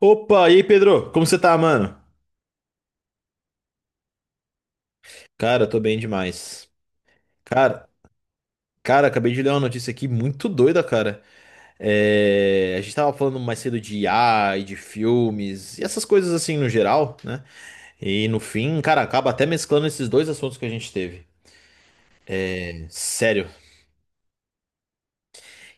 Opa, e aí, Pedro? Como você tá, mano? Cara, eu tô bem demais. Cara, cara, acabei de ler uma notícia aqui muito doida, cara. A gente tava falando mais cedo de IA e de filmes e essas coisas assim no geral, né? E no fim, cara, acaba até mesclando esses dois assuntos que a gente teve. Sério,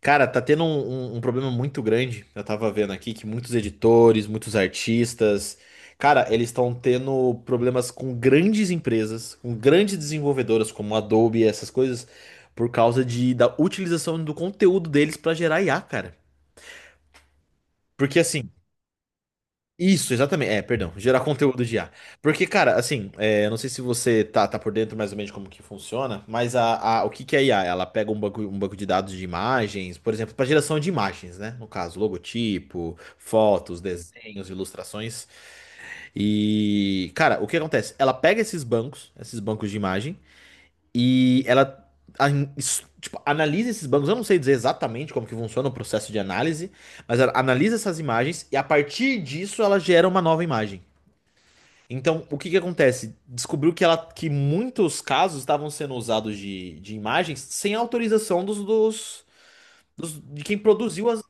cara, tá tendo um problema muito grande. Eu tava vendo aqui que muitos editores, muitos artistas, cara, eles estão tendo problemas com grandes empresas, com grandes desenvolvedoras como Adobe, essas coisas, por causa da utilização do conteúdo deles pra gerar IA, cara. Porque assim, isso, exatamente. Perdão, gerar conteúdo de IA. Porque, cara, assim, eu não sei se você tá por dentro mais ou menos de como que funciona, mas o que que é IA? Ela pega um banco de dados de imagens, por exemplo, para geração de imagens, né? No caso, logotipo, fotos, desenhos, ilustrações. E, cara, o que acontece? Ela pega esses bancos de imagens e ela a- tipo, analisa esses bancos. Eu não sei dizer exatamente como que funciona o processo de análise, mas ela analisa essas imagens e a partir disso ela gera uma nova imagem. Então, o que que acontece? Descobriu que ela que muitos casos estavam sendo usados de imagens sem autorização dos de quem produziu as,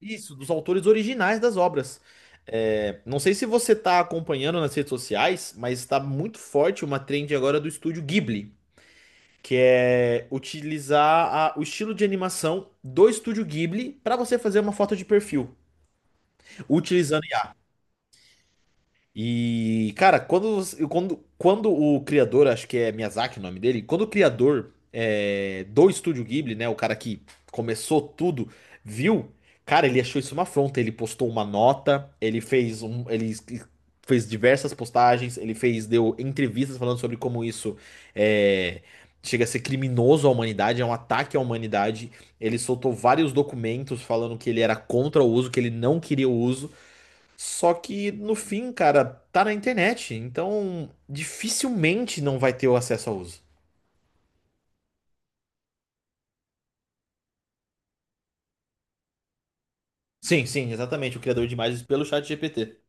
isso, dos autores originais das obras. É, não sei se você está acompanhando nas redes sociais, mas está muito forte uma trend agora do estúdio Ghibli que é utilizar o estilo de animação do estúdio Ghibli para você fazer uma foto de perfil, utilizando e, cara, quando o criador, acho que é Miyazaki o nome dele, quando o criador do Estúdio Ghibli, né, o cara que começou tudo, viu, cara, ele achou isso uma afronta. Ele postou uma nota, ele fez um, fez diversas postagens, ele fez, deu entrevistas falando sobre como isso é, chega a ser criminoso à humanidade, é um ataque à humanidade. Ele soltou vários documentos falando que ele era contra o uso, que ele não queria o uso. Só que no fim, cara, tá na internet, então dificilmente não vai ter o acesso ao uso. Sim, sim, exatamente, o criador de imagens pelo chat GPT.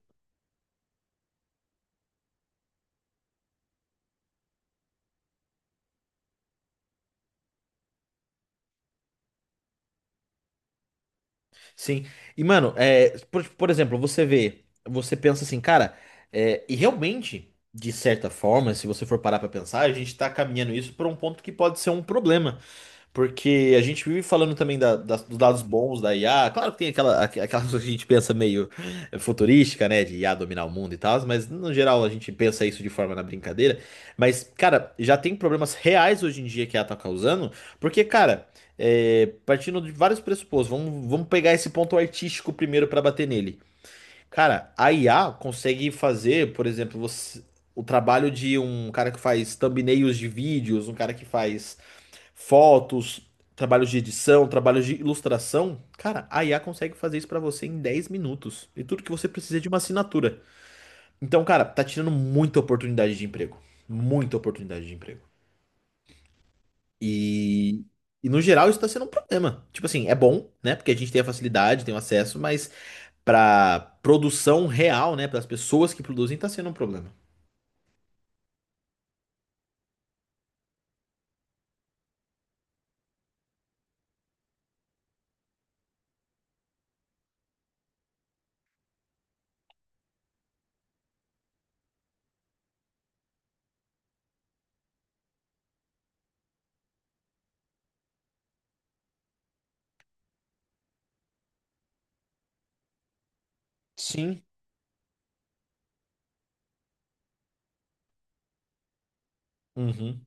Sim. E, mano, por exemplo, você vê, você pensa assim, cara, e realmente, de certa forma, se você for parar pra pensar, a gente tá caminhando isso pra um ponto que pode ser um problema. Porque a gente vive falando também dos dados bons da IA. Claro que tem aquela coisa que a gente pensa meio futurística, né? De IA dominar o mundo e tal, mas no geral a gente pensa isso de forma na brincadeira. Mas, cara, já tem problemas reais hoje em dia que a IA tá causando, porque, cara, partindo de vários pressupostos, vamos pegar esse ponto artístico primeiro para bater nele. Cara, a IA consegue fazer, por exemplo, o trabalho de um cara que faz thumbnails de vídeos, um cara que faz fotos, trabalhos de edição, trabalhos de ilustração, cara, a IA consegue fazer isso pra você em 10 minutos. E tudo que você precisa é de uma assinatura. Então, cara, tá tirando muita oportunidade de emprego. Muita oportunidade de emprego. E, e no geral isso tá sendo um problema. Tipo assim, é bom, né? Porque a gente tem a facilidade, tem o acesso, mas pra produção real, né, para as pessoas que produzem, tá sendo um problema. Sim, uhum,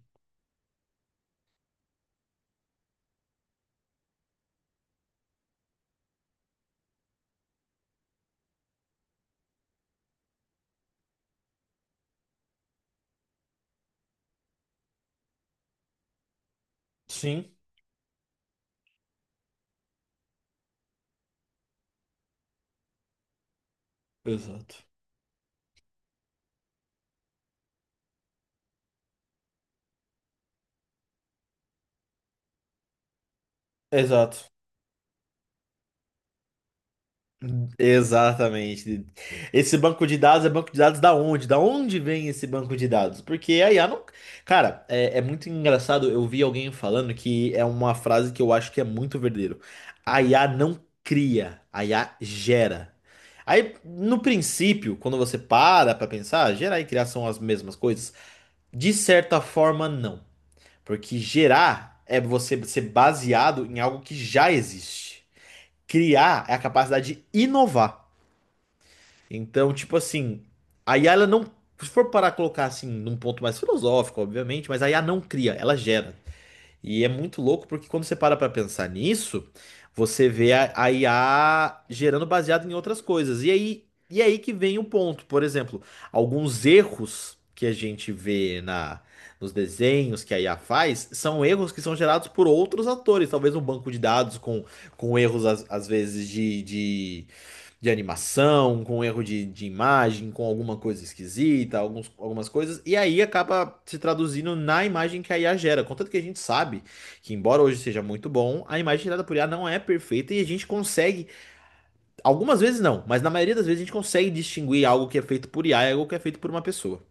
sim, exato. Exato. Exatamente. Esse banco de dados é banco de dados da onde? Da onde vem esse banco de dados? Porque a IA não. Cara, é muito engraçado. Eu vi alguém falando que é uma frase que eu acho que é muito verdadeiro. A IA não cria, a IA gera. Aí, no princípio, quando você para pra pensar, gerar e criar são as mesmas coisas? De certa forma, não. Porque gerar é você ser baseado em algo que já existe. Criar é a capacidade de inovar. Então, tipo assim, a IA ela não, se for parar a colocar assim, num ponto mais filosófico, obviamente, mas a IA não cria, ela gera. E é muito louco porque quando você para pra pensar nisso, você vê a IA gerando baseado em outras coisas. E aí que vem o ponto, por exemplo, alguns erros que a gente vê na nos desenhos que a IA faz, são erros que são gerados por outros atores, talvez um banco de dados com erros às vezes de animação, com erro de imagem, com alguma coisa esquisita, algumas coisas, e aí acaba se traduzindo na imagem que a IA gera. Contanto que a gente sabe que, embora hoje seja muito bom, a imagem gerada por IA não é perfeita e a gente consegue, algumas vezes não, mas na maioria das vezes a gente consegue distinguir algo que é feito por IA e algo que é feito por uma pessoa.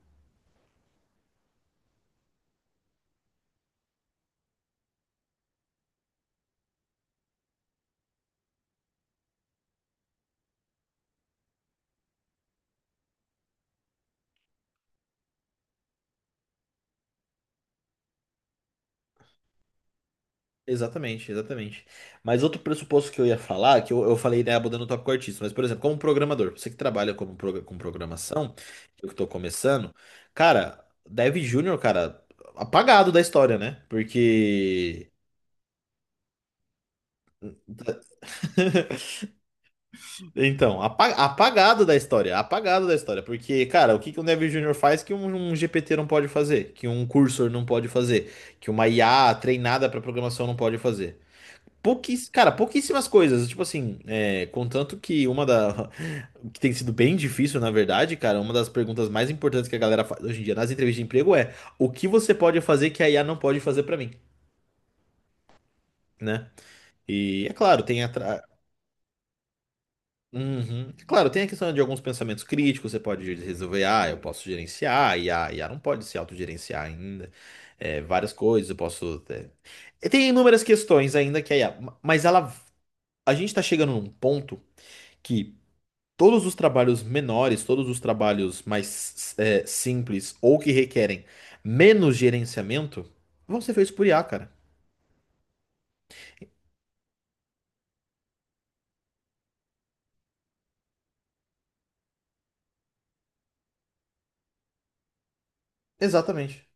Exatamente, exatamente. Mas outro pressuposto que eu ia falar, que eu falei, né, abordando o tópico artista, mas, por exemplo, como programador, você que trabalha como, com programação, eu que tô começando, cara, Dev Júnior, cara, apagado da história, né? Porque. Então, apagado da história, porque, cara, o que que um Dev Júnior faz que um GPT não pode fazer, que um cursor não pode fazer, que uma IA treinada para programação não pode fazer? Pouquíss... Cara, pouquíssimas coisas. Tipo assim, contanto que uma da. Que tem sido bem difícil, na verdade, cara, uma das perguntas mais importantes que a galera faz hoje em dia nas entrevistas de emprego é: o que você pode fazer que a IA não pode fazer pra mim, né? E é claro, tem atra... Uhum. É claro, tem a questão de alguns pensamentos críticos, você pode resolver, ah, eu posso gerenciar, e a IA, a não pode se autogerenciar ainda. É, várias coisas, eu posso. E tem inúmeras questões ainda que a IA. Mas ela. A gente tá chegando num ponto. Que todos os trabalhos menores, todos os trabalhos mais simples ou que requerem menos gerenciamento vão ser feitos por IA, cara. Exatamente.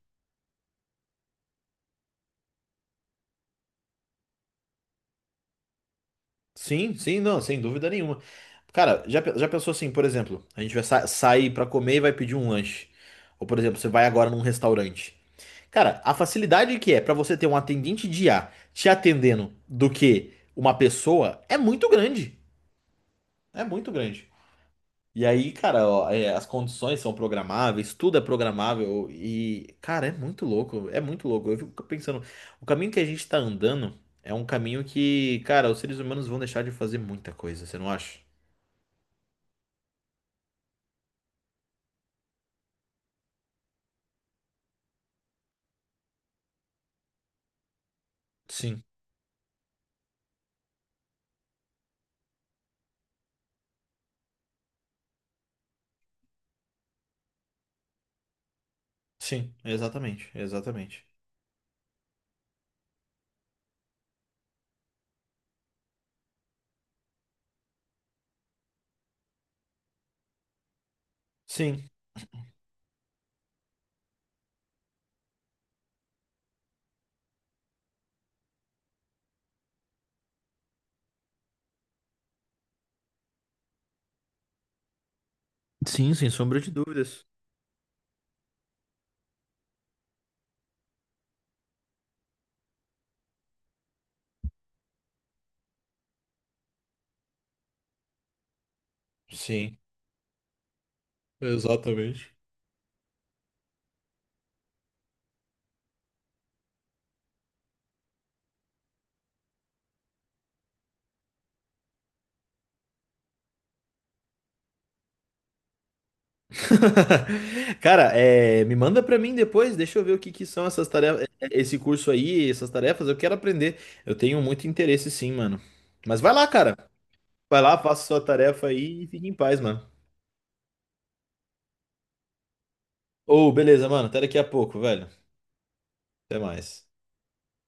Sim, sim, não, sem dúvida nenhuma. Cara, já, já pensou assim, por exemplo, a gente vai sair pra comer e vai pedir um lanche. Ou, por exemplo, você vai agora num restaurante. Cara, a facilidade que é pra você ter um atendente de IA te atendendo do que uma pessoa é muito grande. É muito grande. E aí, cara, ó, as condições são programáveis, tudo é programável e, cara, é muito louco, é muito louco. Eu fico pensando, o caminho que a gente tá andando é um caminho que, cara, os seres humanos vão deixar de fazer muita coisa, você não acha? Sim, sim, exatamente, exatamente. Sim, sim, sem sombra de dúvidas. Sim, exatamente. Cara, me manda pra mim depois, deixa eu ver o que que são essas tarefas, esse curso aí, essas tarefas, eu quero aprender. Eu tenho muito interesse sim, mano. Mas vai lá, cara. Vai lá, faça sua tarefa aí e fique em paz, mano. Ô, beleza, mano. Até daqui a pouco, velho. Até mais.